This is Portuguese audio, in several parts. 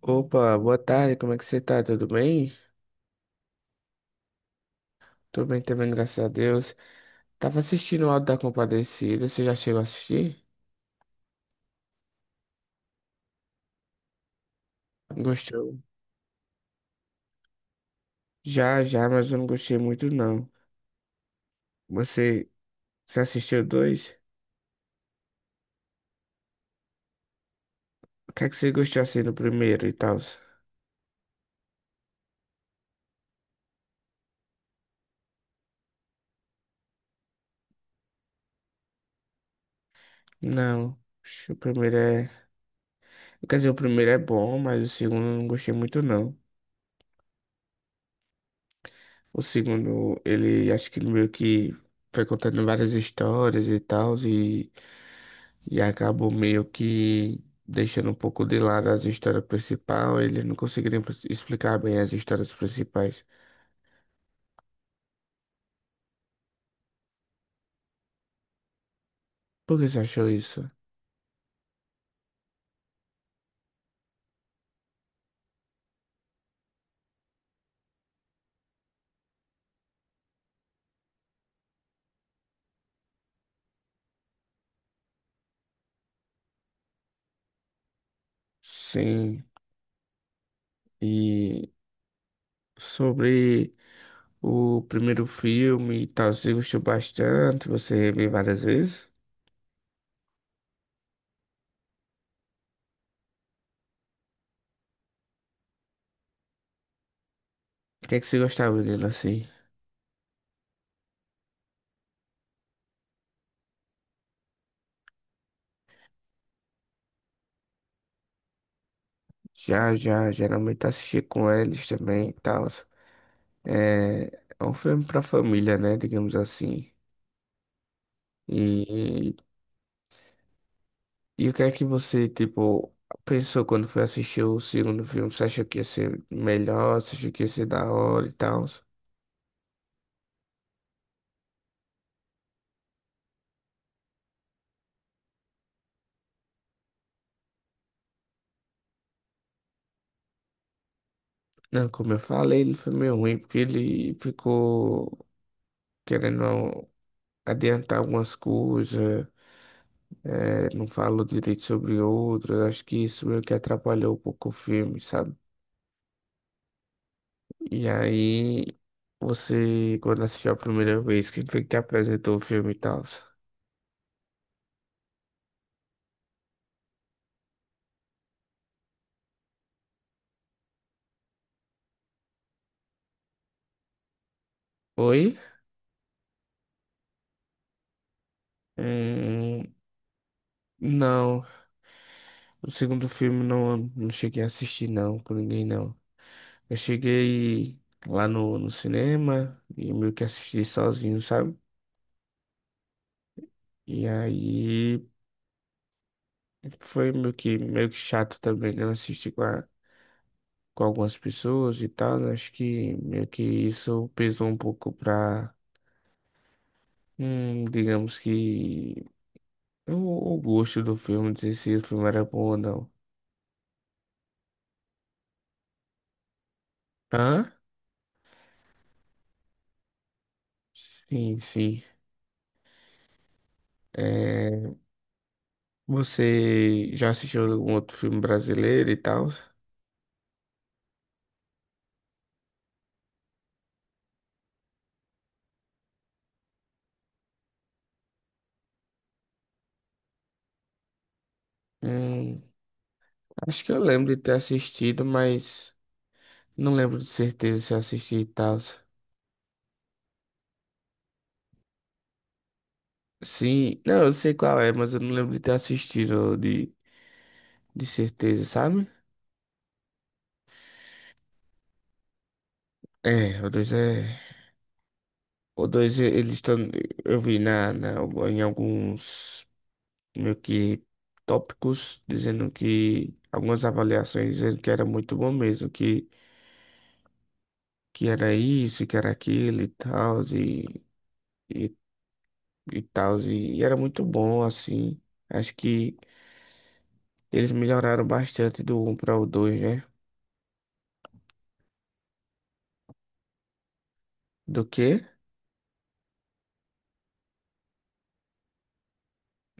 Opa, boa tarde, como é que você tá? Tudo bem? Tudo bem também, graças a Deus. Tava assistindo o Auto da Compadecida, você já chegou a assistir? Gostou? Já, já, mas eu não gostei muito não. Você, você assistiu dois? O que é que você gostou assim do primeiro e tal? Não, acho que o primeiro é... Quer dizer, o primeiro é bom, mas o segundo eu não gostei muito não. O segundo, ele, acho que ele meio que foi contando várias histórias e tal, e acabou meio que deixando um pouco de lado as histórias principais. Eles não conseguiriam explicar bem as histórias principais. Por que você achou isso? Sim, e sobre o primeiro filme e tal, você gostou bastante? Você viu várias vezes? O que é que você gostava dele assim? Já, já, geralmente assisti com eles também e tal. É, é um filme pra família, né? Digamos assim. E E o que é que você, tipo, pensou quando foi assistir o segundo filme? Você achou que ia ser melhor? Você achou que ia ser da hora e tal? Não, como eu falei, ele foi meio ruim, porque ele ficou querendo adiantar algumas coisas, não falou direito sobre outras. Acho que isso meio que atrapalhou um pouco o filme, sabe? E aí, você, quando assistiu a primeira vez, quem foi que te apresentou o filme e tal? Oi? Hum, não, o segundo filme não, não cheguei a assistir não, com ninguém não. Eu cheguei lá no cinema e meio que assisti sozinho, sabe? E aí foi meio que chato também, né? Eu assisti com algumas pessoas e tal, né? Acho que meio que isso pesou um pouco pra, digamos que, o, o gosto do filme, dizer se o filme era bom ou não. Hã? Sim, sim. É, você já assistiu algum outro filme brasileiro e tal? Hum, acho que eu lembro de ter assistido, mas não lembro de certeza se eu assisti e tal. Sim, não, eu sei qual é, mas eu não lembro de ter assistido de certeza, sabe? É, o dois é. Eles estão. Eu vi na, em alguns meio que tópicos dizendo que. Algumas avaliações dizendo que era muito bom mesmo, que era isso, que era aquilo e tal, e, e tal, e era muito bom, assim. Acho que eles melhoraram bastante do um para o dois, né? Do quê?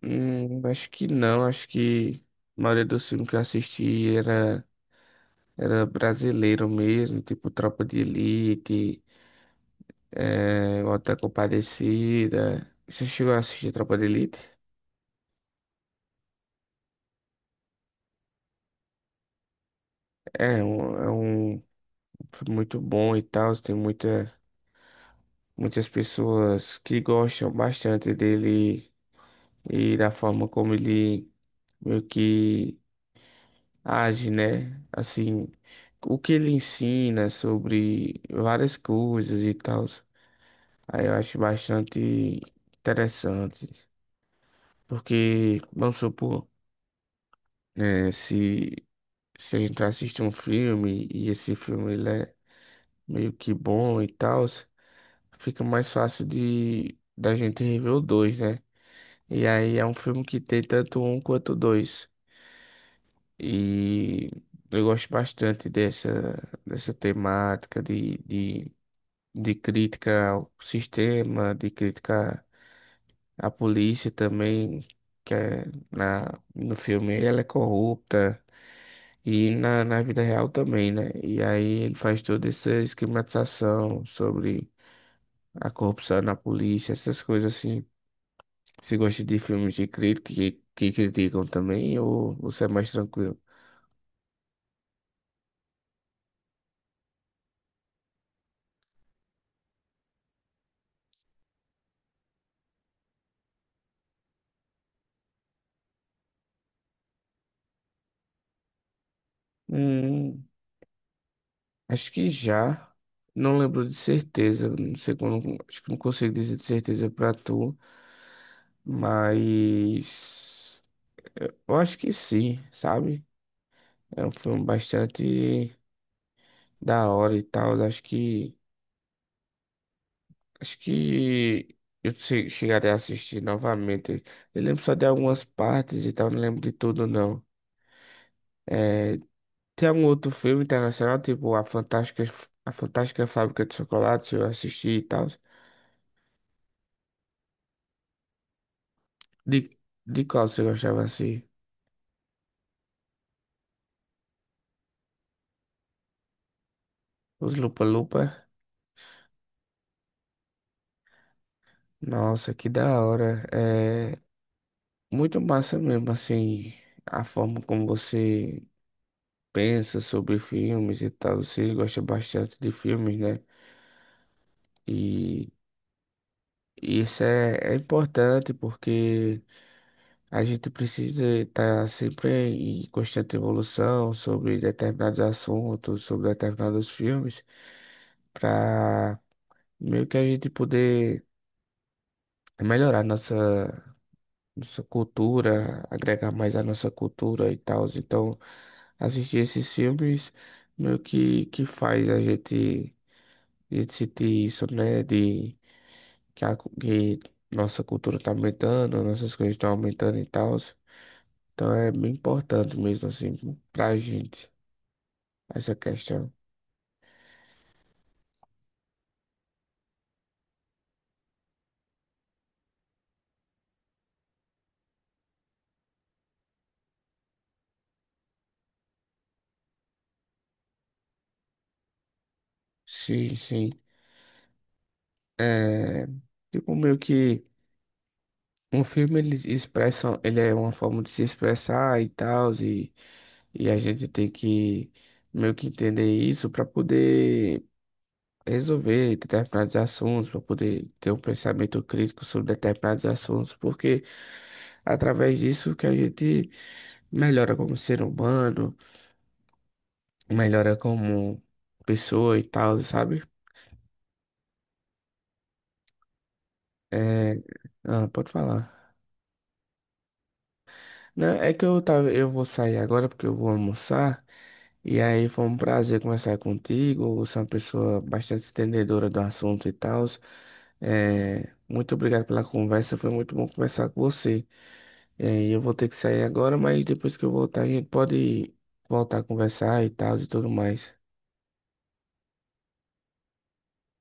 Acho que não, acho que a maioria dos filmes que eu assisti era brasileiro mesmo, tipo Tropa de Elite, é, O Auto da Compadecida. Você chegou a assistir Tropa de Elite? É, é um filme muito bom e tal, tem muita. Muitas pessoas que gostam bastante dele e da forma como ele meio que age, né? Assim, o que ele ensina sobre várias coisas e tal. Aí eu acho bastante interessante. Porque, vamos supor, né, se a gente assiste um filme e esse filme ele é meio que bom e tal, fica mais fácil de da gente rever o dois, né? E aí é um filme que tem tanto um quanto dois. E eu gosto bastante dessa, dessa temática de crítica ao sistema, de crítica à polícia também, que é no filme ela é corrupta e na vida real também, né? E aí ele faz toda essa esquematização sobre a corrupção na polícia, essas coisas assim. Você gosta de filmes de crítica que criticam também ou você é mais tranquilo? Hum, acho que já. Não lembro de certeza. Não sei quando. Acho que não consigo dizer de certeza pra tu. Mas eu acho que sim, sabe? É um filme bastante da hora e tal. Acho que eu chegarei a assistir novamente. Eu lembro só de algumas partes e tal, não lembro de tudo não. É, tem algum outro filme internacional, tipo A Fantástica Fábrica de Chocolate, eu assisti e tal. De, de qual você gostava assim? Os Lupa Lupa? Nossa, que da hora. É muito massa mesmo, assim, a forma como você pensa sobre filmes e tal. Você gosta bastante de filmes, né? E isso é importante porque a gente precisa estar sempre em constante evolução sobre determinados assuntos, sobre determinados filmes, para meio que a gente poder melhorar nossa, nossa cultura, agregar mais à nossa cultura e tal. Então, assistir esses filmes meio que faz a gente sentir isso, né? De que nossa cultura está aumentando, nossas coisas estão aumentando e tal. Então é bem importante mesmo assim pra gente essa questão. Sim, sim. É, tipo meio que um filme eles expressam, ele é uma forma de se expressar e tal, e a gente tem que meio que entender isso para poder resolver determinados assuntos, para poder ter um pensamento crítico sobre determinados assuntos, porque através disso que a gente melhora como ser humano melhora como pessoa e tal, sabe? É... Ah, pode falar. Não, é que eu tava, eu vou sair agora porque eu vou almoçar. E aí foi um prazer conversar contigo. Você é uma pessoa bastante entendedora do assunto e tal. É, muito obrigado pela conversa. Foi muito bom conversar com você. É, e eu vou ter que sair agora, mas depois que eu voltar, a gente pode voltar a conversar e tal e tudo mais.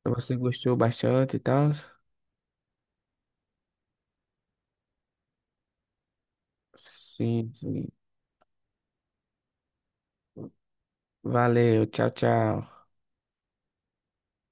Você gostou bastante e tal? Sim, sim. Valeu, tchau, tchau.